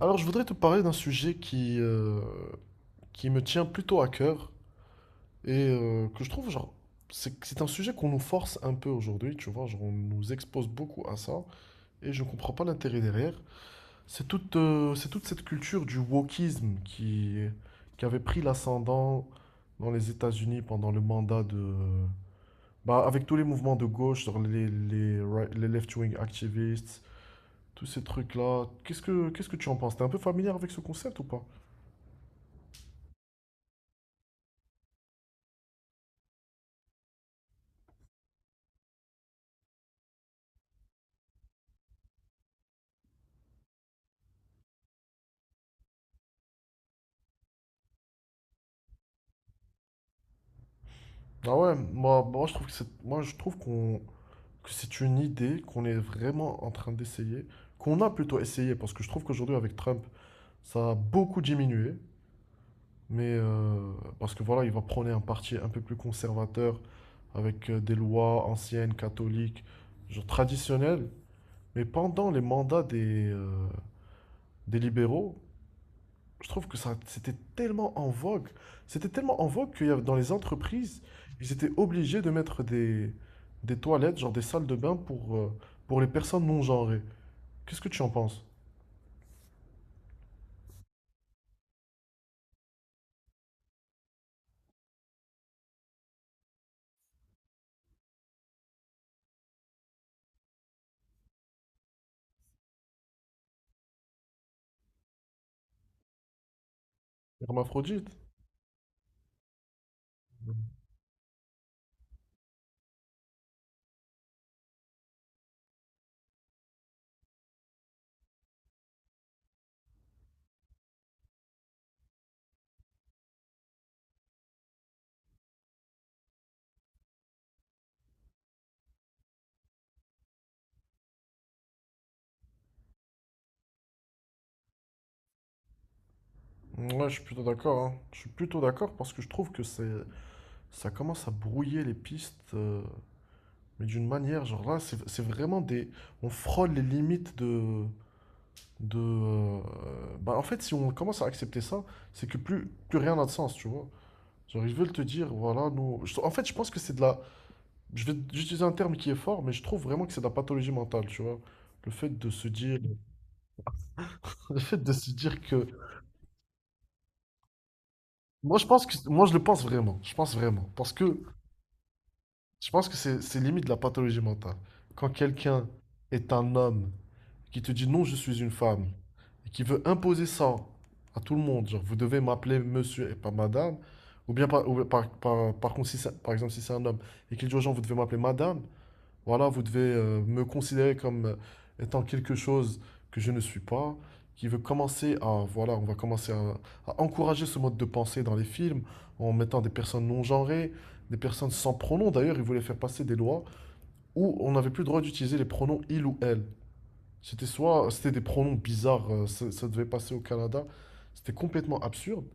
Alors, je voudrais te parler d'un sujet qui me tient plutôt à cœur et que je trouve, genre, c'est un sujet qu'on nous force un peu aujourd'hui, tu vois, genre, on nous expose beaucoup à ça et je ne comprends pas l'intérêt derrière. C'est toute cette culture du wokisme qui avait pris l'ascendant dans les États-Unis pendant le mandat de... Bah, avec tous les mouvements de gauche, genre les left-wing activists, tous ces trucs-là. Qu'est-ce que tu en penses? T'es un peu familier avec ce concept ou pas? Ah ouais, moi je trouve que moi je trouve que c'est une idée qu'on est vraiment en train d'essayer, qu'on a plutôt essayé, parce que je trouve qu'aujourd'hui avec Trump, ça a beaucoup diminué, mais parce que voilà, il va prôner un parti un peu plus conservateur, avec des lois anciennes, catholiques, genre traditionnelles, mais pendant les mandats des libéraux, je trouve que ça, c'était tellement en vogue. C'était tellement en vogue qu'il y avait dans les entreprises, ils étaient obligés de mettre des toilettes, genre des salles de bain pour les personnes non genrées. Qu'est-ce que tu en penses? Hermaphrodite? Ouais, je suis plutôt d'accord, hein. Je suis plutôt d'accord parce que je trouve que c'est, ça commence à brouiller les pistes, mais d'une manière, genre là, c'est vraiment des, on frôle les limites de, bah en fait, si on commence à accepter ça, c'est que plus rien n'a de sens, tu vois. Genre, ils veulent te dire, voilà, nous. En fait, je pense que c'est de la. Je vais utiliser un terme qui est fort, mais je trouve vraiment que c'est de la pathologie mentale, tu vois. Le fait de se dire. Le fait de se dire que. Moi, je pense que. Moi, je le pense vraiment. Je pense vraiment. Parce que je pense que c'est limite de la pathologie mentale. Quand quelqu'un est un homme qui te dit non, je suis une femme, et qui veut imposer ça à tout le monde, genre, vous devez m'appeler monsieur et pas madame, ou bien par, ou par, par, par contre, si c'est- par exemple, si c'est un homme, et qu'il dit aux gens, vous devez m'appeler madame. Voilà, vous devez me considérer comme étant quelque chose que je ne suis pas, qui veut commencer à, voilà, on va commencer à encourager ce mode de pensée dans les films en mettant des personnes non genrées, des personnes sans pronoms. D'ailleurs, ils voulaient faire passer des lois où on n'avait plus le droit d'utiliser les pronoms il ou elle. C'était des pronoms bizarres, ça devait passer au Canada. C'était complètement absurde.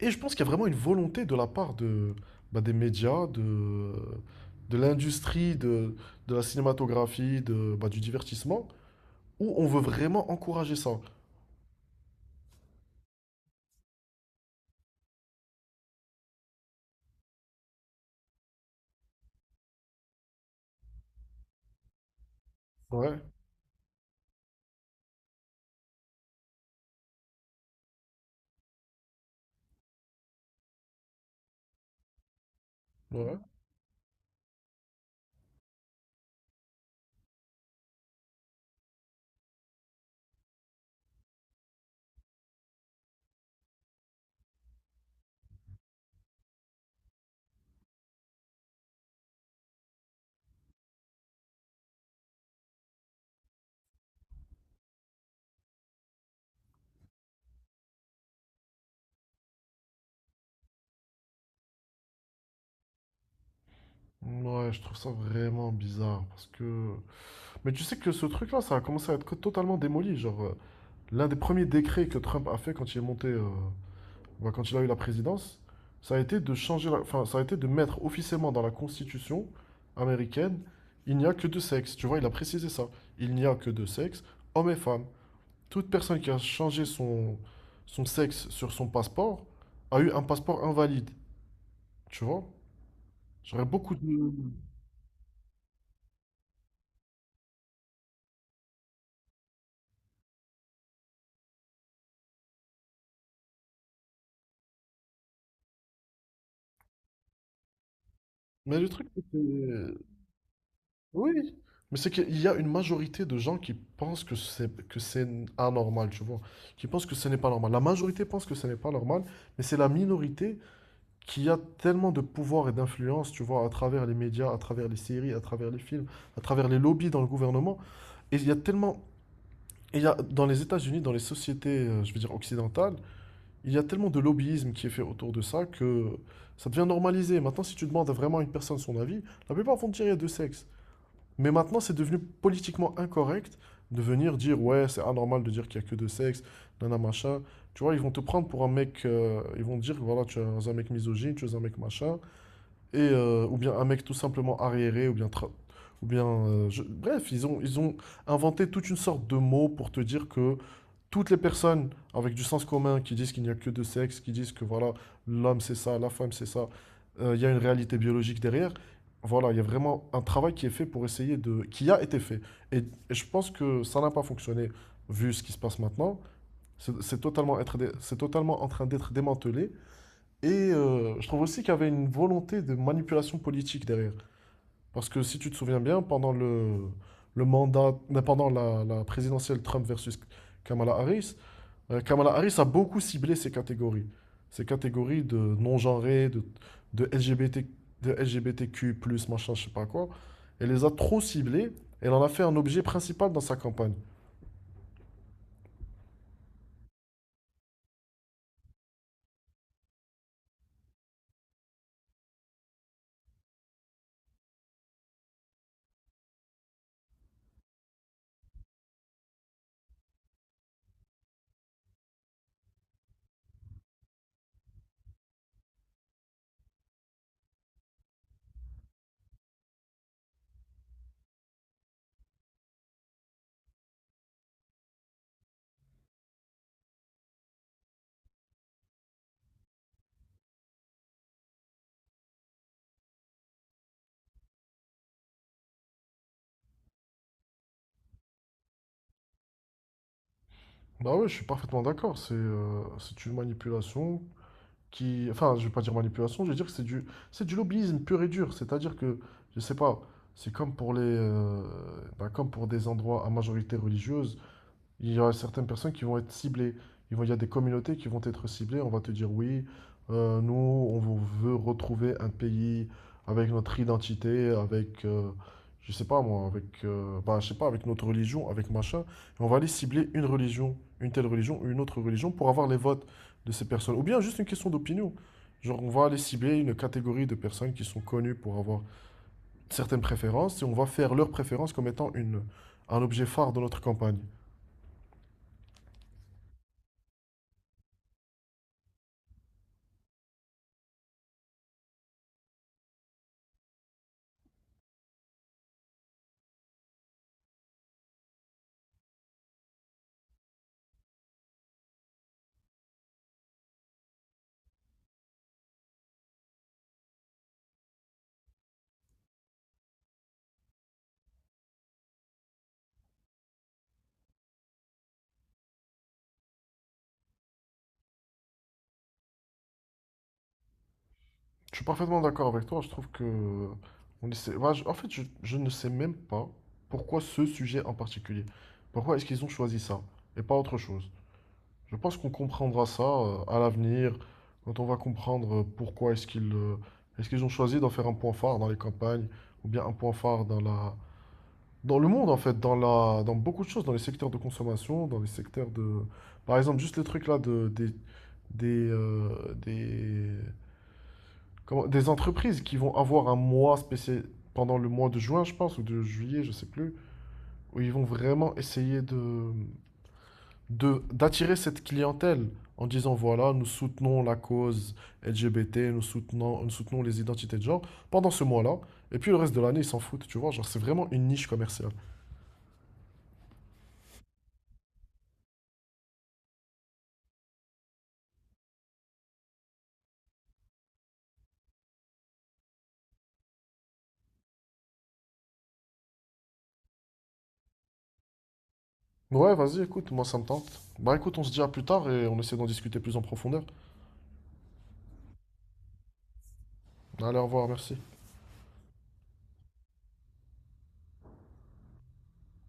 Et je pense qu'il y a vraiment une volonté de la part bah, des médias, de l'industrie, de la cinématographie, de, bah, du divertissement, où on veut vraiment encourager ça. Ouais, ouais. Ouais, je trouve ça vraiment bizarre parce que... Mais tu sais que ce truc-là, ça a commencé à être totalement démoli. Genre, l'un des premiers décrets que Trump a fait quand il est monté bah, quand il a eu la présidence, ça a été enfin, ça a été de mettre officiellement dans la Constitution américaine, il n'y a que deux sexes. Tu vois, il a précisé ça. Il n'y a que deux sexes, hommes et femmes. Toute personne qui a changé son sexe sur son passeport a eu un passeport invalide. Tu vois? J'aurais beaucoup de... Mais le truc, c'est que- Oui, mais c'est qu'il y a une majorité de gens qui pensent que c'est anormal, tu vois, qui pensent que ce n'est pas normal. La majorité pense que ce n'est pas normal, mais c'est la minorité qui a tellement de pouvoir et d'influence, tu vois, à travers les médias, à travers les séries, à travers les films, à travers les lobbies dans le gouvernement. Et il y a tellement, et il y a, dans les États-Unis, dans les sociétés, je veux dire, occidentales, il y a tellement de lobbyisme qui est fait autour de ça que ça devient normalisé. Maintenant, si tu demandes à vraiment une personne son avis, la plupart vont te dire il y a deux sexes. Mais maintenant, c'est devenu politiquement incorrect de venir dire ouais, c'est anormal de dire qu'il y a que deux sexes, nana machin. Tu vois, ils vont te prendre pour un mec, ils vont te dire voilà, tu es un mec misogyne, tu es un mec machin. Ou bien un mec tout simplement arriéré, ou bien... tra- Ou bien je- Bref, ils ont inventé toute une sorte de mots pour te dire que toutes les personnes avec du sens commun qui disent qu'il n'y a que deux sexes, qui disent que voilà, l'homme c'est ça, la femme c'est ça, il y a une réalité biologique derrière. Voilà, il y a vraiment un travail qui est fait pour essayer de... qui a été fait. Et je pense que ça n'a pas fonctionné vu ce qui se passe maintenant. C'est totalement en train d'être démantelé. Et je trouve aussi qu'il y avait une volonté de manipulation politique derrière. Parce que si tu te souviens bien, pendant le mandat, non, pendant la présidentielle Trump versus Kamala Harris, Kamala Harris a beaucoup ciblé ces catégories. Ces catégories de non-genrés, de LGBT, de LGBTQ+, machin, je sais pas quoi. Elle les a trop ciblées. Elle en a fait un objet principal dans sa campagne. Bah ouais, je suis parfaitement d'accord. C'est une manipulation qui, enfin, je vais pas dire manipulation, je vais dire que c'est du lobbyisme pur et dur. C'est-à-dire que, je sais pas, c'est comme pour ben, comme pour des endroits à majorité religieuse. Il y aura certaines personnes qui vont être ciblées. Il y a des communautés qui vont être ciblées. On va te dire oui, nous, veut retrouver un pays avec notre identité, je sais pas moi, je sais pas, avec notre religion, avec machin. Et on va aller cibler une religion, une telle religion ou une autre religion pour avoir les votes de ces personnes. Ou bien juste une question d'opinion. Genre, on va aller cibler une catégorie de personnes qui sont connues pour avoir certaines préférences et on va faire leurs préférences comme étant une, un objet phare de notre campagne. Je suis parfaitement d'accord avec toi. Je trouve que on essaie- bah, je- en fait, je ne sais même pas pourquoi ce sujet en particulier. Pourquoi est-ce qu'ils ont choisi ça et pas autre chose. Je pense qu'on comprendra ça à l'avenir quand on va comprendre pourquoi est-ce qu'ils ont choisi d'en faire un point phare dans les campagnes ou bien un point phare dans la dans le monde en fait, dans la dans beaucoup de choses, dans les secteurs de consommation, dans les secteurs de par exemple juste les trucs là de des Comment- des entreprises qui vont avoir un mois spécial pendant le mois de juin, je pense, ou de juillet, je sais plus, où ils vont vraiment essayer d'attirer cette clientèle en disant voilà, nous soutenons la cause LGBT, nous soutenons les identités de genre pendant ce mois-là, et puis le reste de l'année, ils s'en foutent, tu vois, genre c'est vraiment une niche commerciale. Ouais, vas-y, écoute, moi ça me tente. Bah écoute, on se dit à plus tard et on essaie d'en discuter plus en profondeur. Allez, au revoir, merci.